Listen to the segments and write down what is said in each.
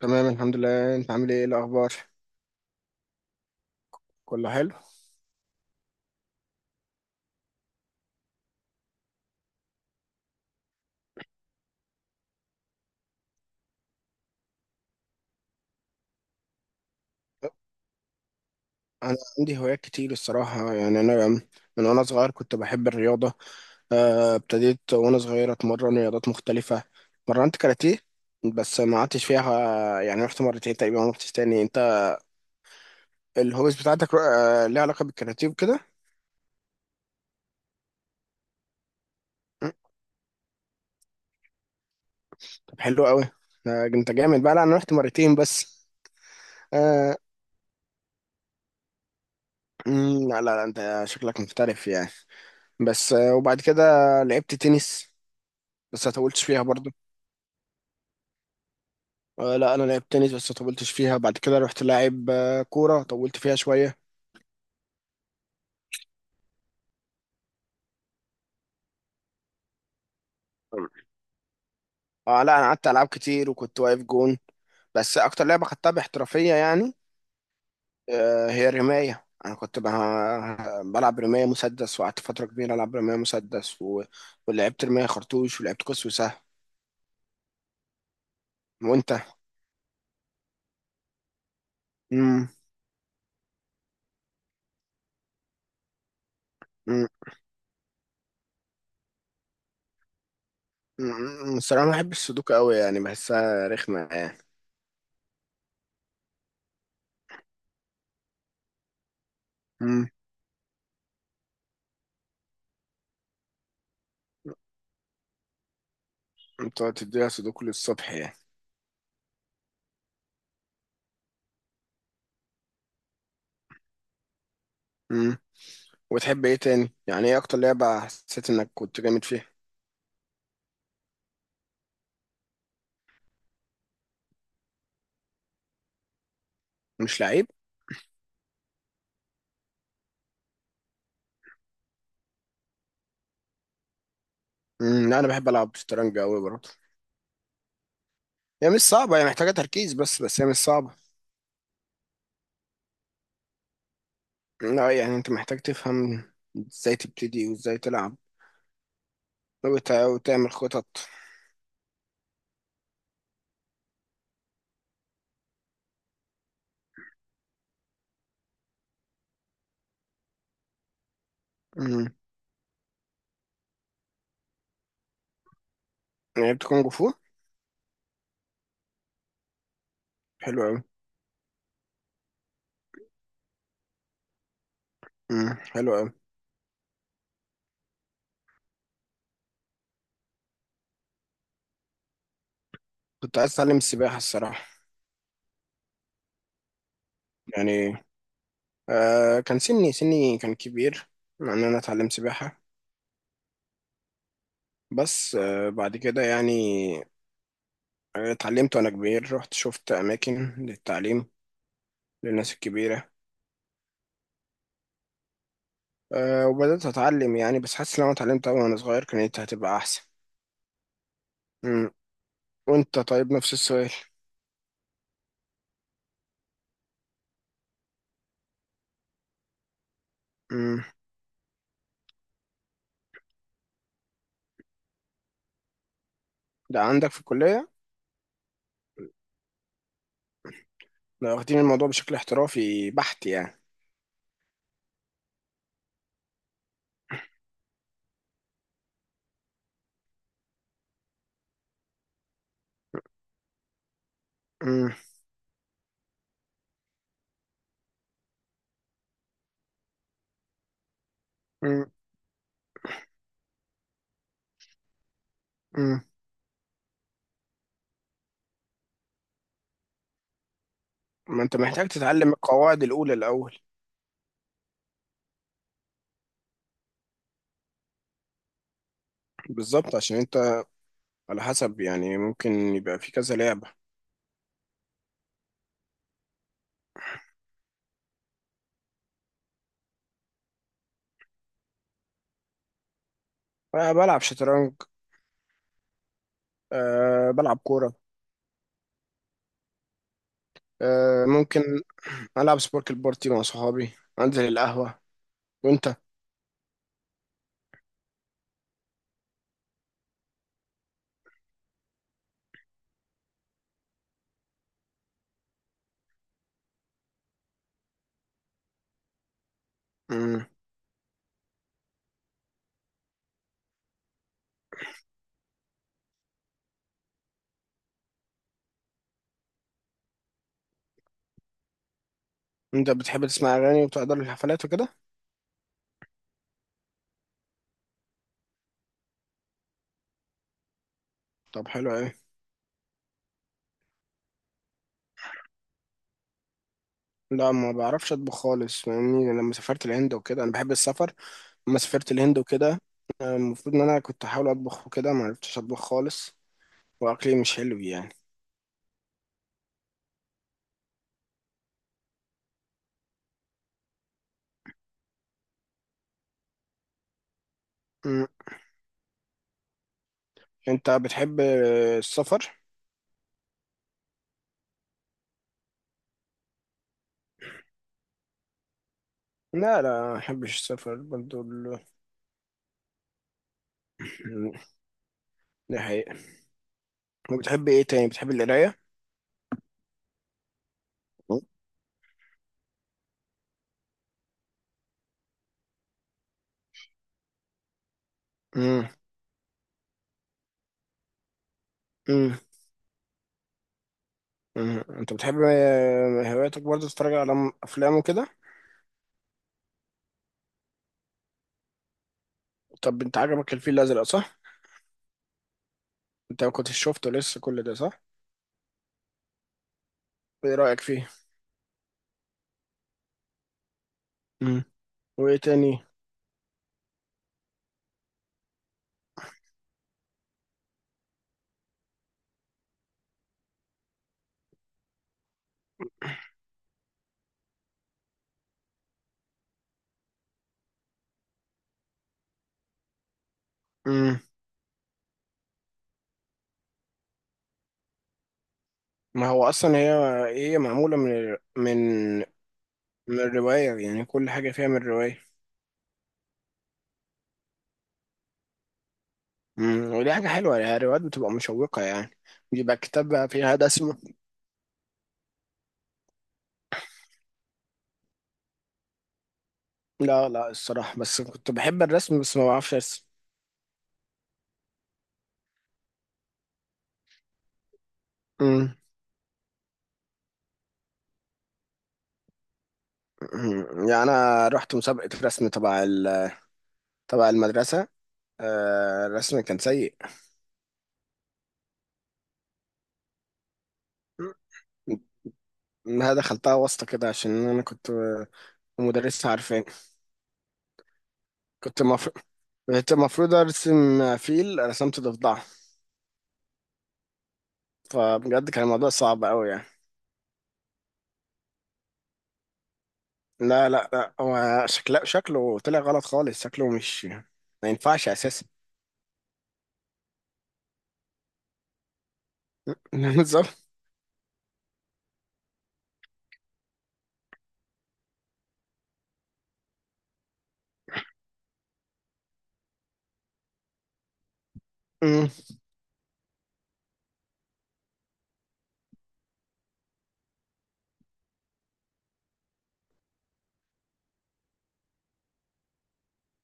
تمام، الحمد لله. انت عامل ايه؟ ايه الاخبار؟ كله حلو. انا عندي هوايات كتير الصراحه، يعني انا من وانا صغير كنت بحب الرياضه. ابتديت وانا صغير اتمرن رياضات مختلفه. مرنت كاراتيه، بس ما قعدتش فيها. يعني رحت مرتين تقريبا، ما رحتش تاني. انت الهوبيز بتاعتك ليها علاقه بالكاراتيه وكده؟ م. طب حلو قوي. انت جامد بقى. لا انا رحت مرتين بس. آه. م، لا لا لا، انت شكلك محترف يعني. بس وبعد كده لعبت تنس، بس ما طولتش فيها برضو. لا انا لعبت تنس بس طولتش فيها. بعد كده رحت لاعب كوره، طولت فيها شويه. اه لا انا قعدت العاب كتير وكنت واقف جون، بس اكتر لعبه خدتها باحترافيه يعني هي الرمايه. انا كنت بلعب رمايه مسدس، وقعدت فتره كبيره العب رمايه مسدس ولعبت رمايه خرطوش، ولعبت قوس وسهم. وانت؟ امم. امم. الصراحه ما بحبش السودوكو قوي، يعني بحسها رخمه يعني. امم. انت تديها سودوكو للصبح؟ يعني وبتحب ايه تاني؟ يعني ايه اكتر لعبة حسيت انك كنت جامد فيها؟ مش لعيب. لا انا بحب العب شطرنج قوي برضه. هي مش صعبة، هي محتاجة تركيز بس هي مش صعبة. لا يعني انت محتاج تفهم ازاي تبتدي وازاي تلعب وتعمل خطط. امم. لعبت كونج فو؟ حلو قوي. حلو قوي. كنت عايز اتعلم السباحة الصراحة. يعني كان سني كان كبير ان انا اتعلم سباحة. بس بعد كده يعني اتعلمت وانا كبير. رحت شفت اماكن للتعليم للناس الكبيرة. وبدأت أتعلم يعني، بس حاسس لو أنا اتعلمت أوي وأنا صغير كانت هتبقى أحسن. مم. وأنت؟ طيب نفس السؤال. مم. ده عندك في الكلية؟ لو واخدين الموضوع بشكل احترافي بحت يعني. مم. مم. مم. ما أنت محتاج تتعلم القواعد الأولى الأول. بالظبط، عشان أنت على حسب يعني ممكن يبقى في كذا لعبة. بلعب شطرنج، بلعب كورة، ممكن ألعب سبورك البارتي مع صحابي، أنزل القهوة. وأنت؟ انت بتحب تسمع اغاني وبتقدر الحفلات وكده؟ طب حلو قوي. لا ما بعرفش اطبخ خالص، فاهمني لما سافرت الهند وكده انا بحب السفر. لما سافرت الهند وكده المفروض ان انا كنت احاول اطبخ وكده، ما عرفتش اطبخ خالص، واكلي مش حلو يعني. مم. انت بتحب السفر؟ لا لا ما بحبش السفر برضو دي حقيقة. وبتحب ايه تاني؟ بتحب القراية؟ مم. مم. مم. انت بتحب هواياتك برضو تتفرج على افلام وكده؟ طب انت عجبك الفيل الازرق صح؟ انت ما كنتش شفته لسه كل ده صح؟ ايه رأيك فيه؟ امم. وايه تاني؟ امم. ما هو اصلا هي ايه، هي معمولة من من الرواية، يعني كل حاجة فيها من الرواية. ودي حاجة حلوة، يعني الروايات بتبقى مشوقة يعني بيبقى كتاب بقى فيها رسم. لا لا الصراحة بس كنت بحب الرسم بس ما بعرفش ارسم. امم. يعني انا رحت مسابقة رسم تبع تبع المدرسة. الرسم كان سيء. امم. انا دخلتها واسطة كده، عشان انا كنت مدرسة عارفة. كنت مف... كنت المفروض ارسم فيل، رسمت ضفدعه. فبجد كان الموضوع صعب قوي يعني. لا لا لا، هو شكله طلع غلط خالص، شكله مش ما ينفعش اساسا. بالظبط. أمم.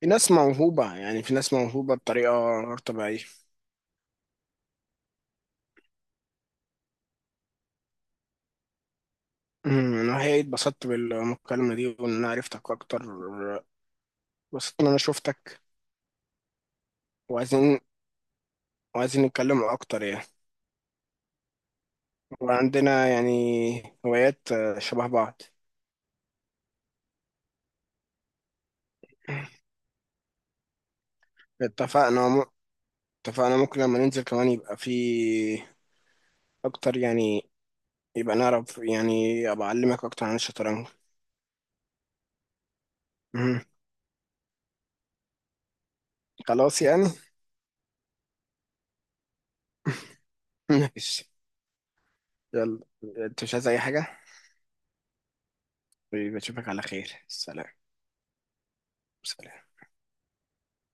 في ناس موهوبة، يعني في ناس موهوبة بطريقة غير طبيعية. أنا حقيقي اتبسطت بالمكالمة دي وإن أنا عرفتك أكتر، اتبسطت إن أنا شفتك. وعايزين. وعايزين نتكلم أكتر يعني. وعندنا يعني هوايات شبه بعض. اتفقنا. اتفقنا، ممكن لما ننزل كمان يبقى في اكتر يعني، يبقى نعرف يعني، ابقى اعلمك اكتر عن الشطرنج. مهم. خلاص يعني ماشي. يلا. انت مش عايز اي حاجة؟ بشوفك على خير. سلام. سلام.